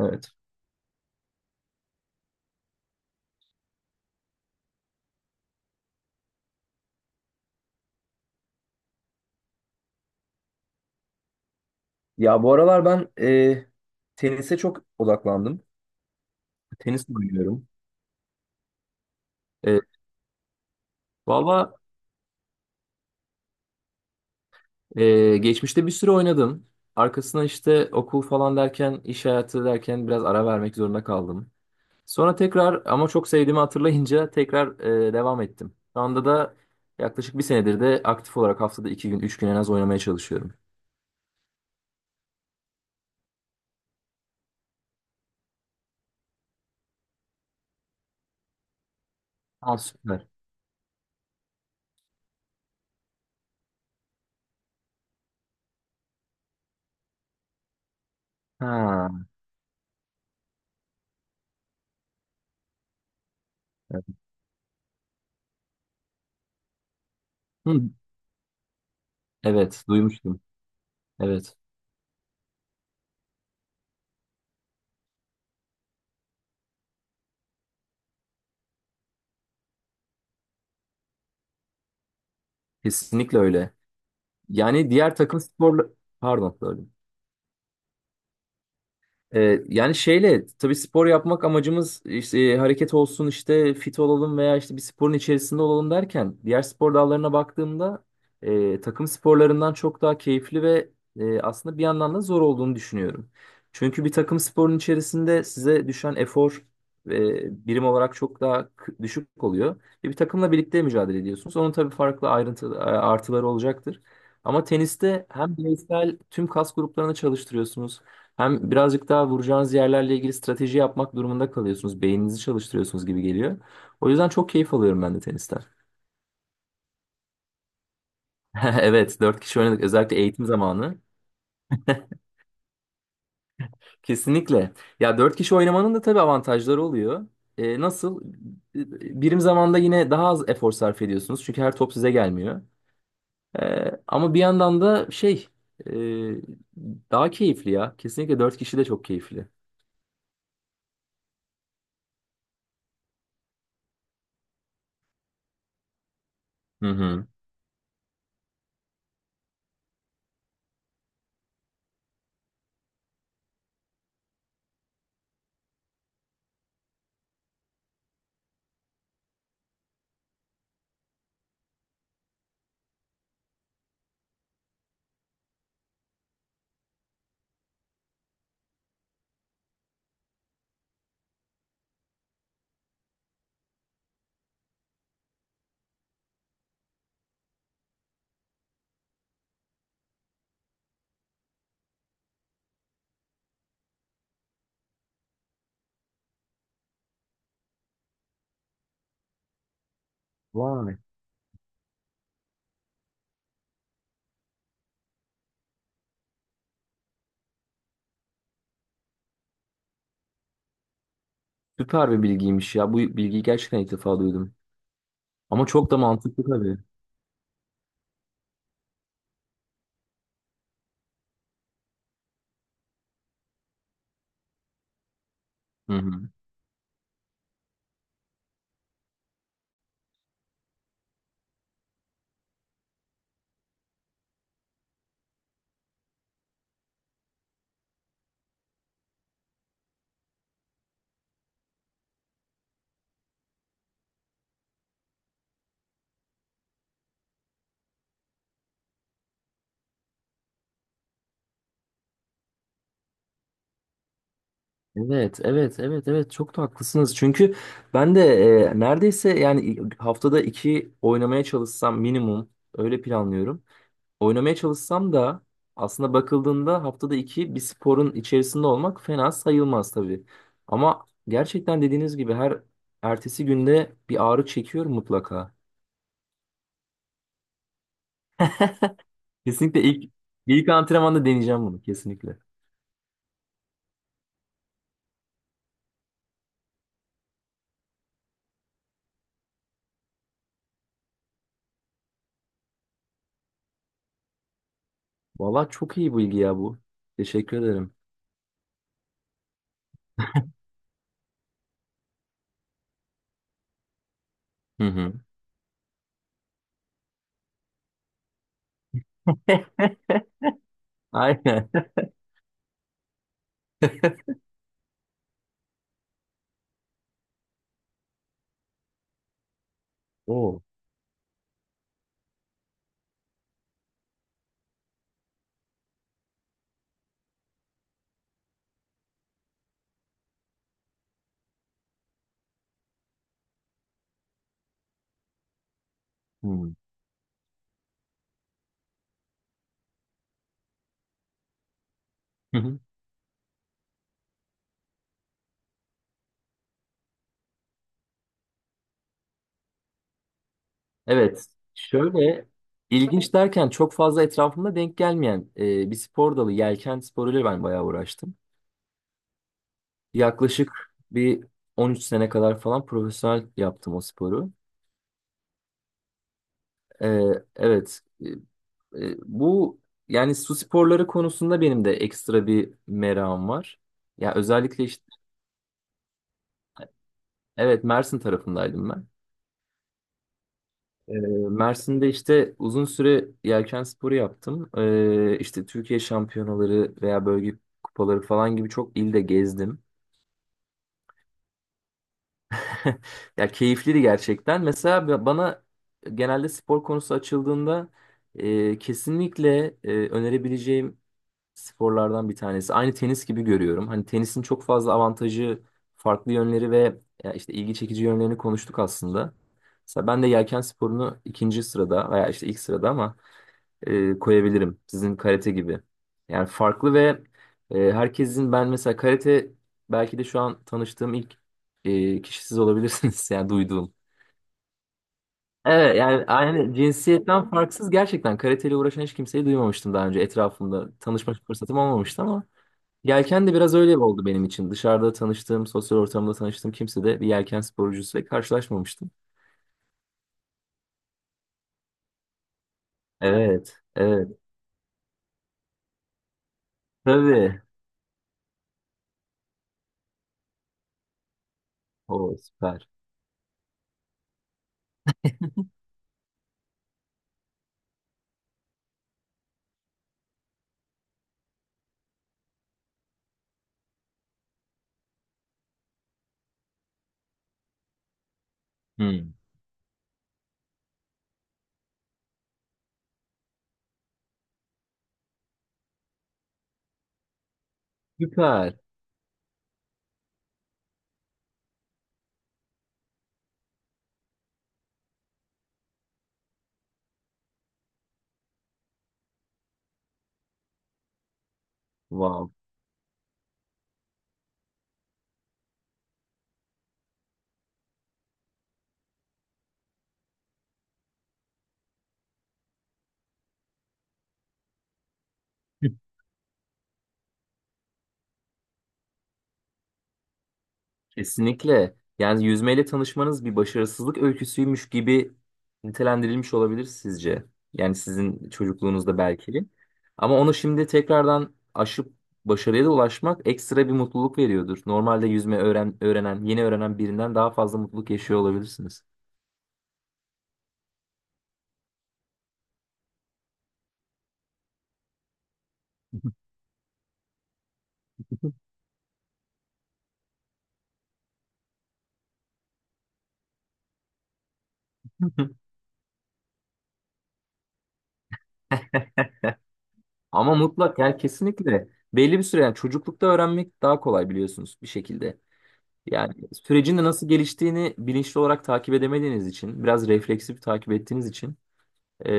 Evet. Ya bu aralar ben tenise çok odaklandım. Tenis oynuyorum. E, valla, geçmişte bir süre oynadım. Arkasına işte okul falan derken, iş hayatı derken biraz ara vermek zorunda kaldım. Sonra tekrar ama çok sevdiğimi hatırlayınca tekrar devam ettim. Şu anda da yaklaşık bir senedir de aktif olarak haftada 2 gün, 3 gün en az oynamaya çalışıyorum. Aa, süper. Ha. Hı, evet, duymuştum. Evet, kesinlikle öyle. Yani diğer takım sporla... Pardon, böyle. Yani şeyle tabii spor yapmak amacımız işte, hareket olsun işte fit olalım veya işte bir sporun içerisinde olalım derken diğer spor dallarına baktığımda, takım sporlarından çok daha keyifli ve aslında bir yandan da zor olduğunu düşünüyorum. Çünkü bir takım sporun içerisinde size düşen efor birim olarak çok daha düşük oluyor. Ve bir takımla birlikte mücadele ediyorsunuz. Onun tabii farklı ayrıntı artıları olacaktır. Ama teniste hem bireysel tüm kas gruplarını çalıştırıyorsunuz. Hem birazcık daha vuracağınız yerlerle ilgili strateji yapmak durumunda kalıyorsunuz. Beyninizi çalıştırıyorsunuz gibi geliyor. O yüzden çok keyif alıyorum ben de tenisten. Evet, dört kişi oynadık. Özellikle eğitim zamanı. Kesinlikle. Ya dört kişi oynamanın da tabii avantajları oluyor. Nasıl? Birim zamanda yine daha az efor sarf ediyorsunuz. Çünkü her top size gelmiyor. Ama bir yandan da şey e, daha keyifli ya. Kesinlikle dört kişi de çok keyifli. Hı hı. Vay. Süper bir bilgiymiş ya. Bu bilgiyi gerçekten ilk defa duydum. Ama çok da mantıklı tabii. Hı hı. Evet, evet, evet, evet çok da haklısınız. Çünkü ben de neredeyse yani haftada iki oynamaya çalışsam minimum öyle planlıyorum. Oynamaya çalışsam da aslında bakıldığında haftada iki bir sporun içerisinde olmak fena sayılmaz tabii. Ama gerçekten dediğiniz gibi her ertesi günde bir ağrı çekiyorum mutlaka. Kesinlikle ilk antrenmanda deneyeceğim bunu kesinlikle. Valla çok iyi bilgi ya bu. Teşekkür ederim. Hı hı. Aynen. Oo. Hmm. Hı hı. Evet. Şöyle ilginç derken çok fazla etrafımda denk gelmeyen bir spor dalı yelken sporuyla ben bayağı uğraştım. Yaklaşık bir 13 sene kadar falan profesyonel yaptım o sporu. E, evet. Bu yani su sporları konusunda benim de ekstra bir merakım var. Ya özellikle işte evet Mersin tarafındaydım ben. Ee, Mersin'de işte uzun süre yelken sporu yaptım. İşte Türkiye şampiyonaları veya bölge kupaları falan gibi çok ilde gezdim. Ya keyifliydi gerçekten. Mesela bana genelde spor konusu açıldığında kesinlikle önerebileceğim sporlardan bir tanesi. Aynı tenis gibi görüyorum. Hani tenisin çok fazla avantajı, farklı yönleri ve ya işte ilgi çekici yönlerini konuştuk aslında. Mesela ben de yelken sporunu ikinci sırada veya işte ilk sırada ama koyabilirim. Sizin karate gibi. Yani farklı ve herkesin ben mesela karate belki de şu an tanıştığım ilk kişi siz olabilirsiniz yani duyduğum. Evet yani aynı cinsiyetten farksız gerçekten karateyle uğraşan hiç kimseyi duymamıştım daha önce etrafımda. Tanışma fırsatım olmamıştı ama yelken de biraz öyle oldu benim için. Dışarıda tanıştığım, sosyal ortamda tanıştığım kimse de bir yelken sporcusuyla karşılaşmamıştım. Evet, evet. Tabii. O süper. Hmm. Süper. Wow. Kesinlikle. Yani yüzmeyle tanışmanız bir başarısızlık öyküsüymüş gibi nitelendirilmiş olabilir sizce. Yani sizin çocukluğunuzda belki. Ama onu şimdi tekrardan aşıp başarıya da ulaşmak ekstra bir mutluluk veriyordur. Normalde yüzme öğrenen, yeni öğrenen birinden daha fazla mutluluk yaşıyor olabilirsiniz. Ama mutlak yani kesinlikle belli bir süre yani çocuklukta öğrenmek daha kolay biliyorsunuz bir şekilde. Yani sürecin de nasıl geliştiğini bilinçli olarak takip edemediğiniz için, biraz refleksif takip ettiğiniz için e,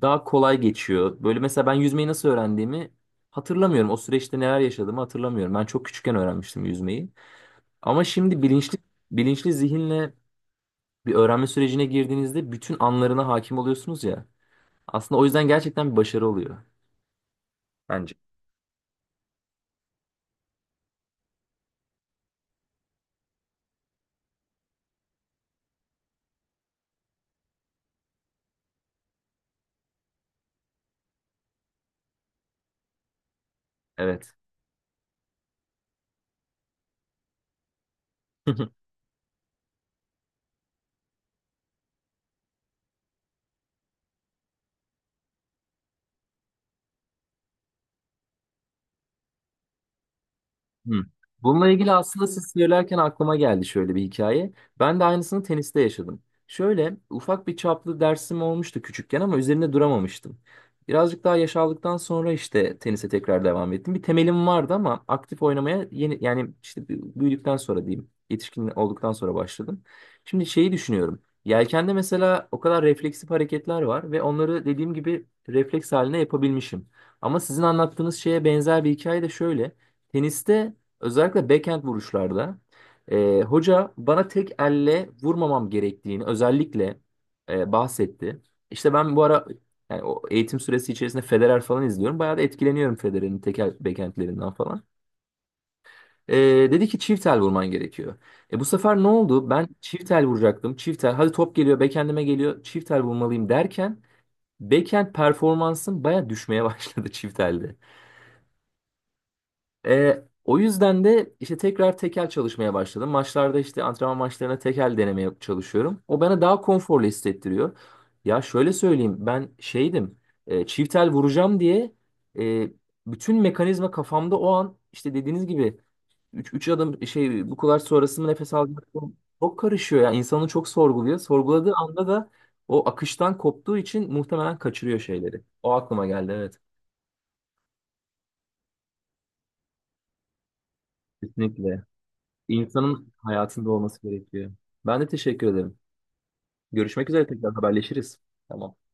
daha kolay geçiyor. Böyle mesela ben yüzmeyi nasıl öğrendiğimi hatırlamıyorum. O süreçte neler yaşadığımı hatırlamıyorum. Ben çok küçükken öğrenmiştim yüzmeyi. Ama şimdi bilinçli zihinle bir öğrenme sürecine girdiğinizde bütün anlarına hakim oluyorsunuz ya. Aslında o yüzden gerçekten bir başarı oluyor bence. Evet. Hı. Bununla ilgili aslında siz söylerken aklıma geldi şöyle bir hikaye. Ben de aynısını teniste yaşadım. Şöyle ufak bir çaplı dersim olmuştu küçükken ama üzerinde duramamıştım. Birazcık daha yaş aldıktan sonra işte tenise tekrar devam ettim. Bir temelim vardı ama aktif oynamaya yeni yani işte büyüdükten sonra diyeyim, yetişkin olduktan sonra başladım. Şimdi şeyi düşünüyorum. Yelkende mesela o kadar refleksif hareketler var ve onları dediğim gibi refleks haline yapabilmişim. Ama sizin anlattığınız şeye benzer bir hikaye de şöyle. Teniste özellikle backhand vuruşlarda hoca bana tek elle vurmamam gerektiğini özellikle bahsetti. İşte ben bu ara yani o eğitim süresi içerisinde Federer falan izliyorum. Bayağı da etkileniyorum Federer'in tek el backhandlerinden falan. E, dedi ki çift el vurman gerekiyor. Bu sefer ne oldu? Ben çift el vuracaktım. Çift el hadi top geliyor backhandime geliyor. Çift el vurmalıyım derken backhand performansım bayağı düşmeye başladı çift elde. O yüzden de işte tekrar tekel çalışmaya başladım. Maçlarda işte antrenman maçlarına tekel denemeye çalışıyorum. O bana daha konforlu hissettiriyor. Ya şöyle söyleyeyim ben şeydim, çiftel vuracağım diye e, bütün mekanizma kafamda o an işte dediğiniz gibi 3 adım şey bu kadar sonrası mı nefes almak mı? Çok karışıyor ya insanı çok sorguluyor. Sorguladığı anda da o akıştan koptuğu için muhtemelen kaçırıyor şeyleri. O aklıma geldi evet. Kesinlikle. İnsanın hayatında olması gerekiyor. Ben de teşekkür ederim. Görüşmek üzere tekrar haberleşiriz. Tamam.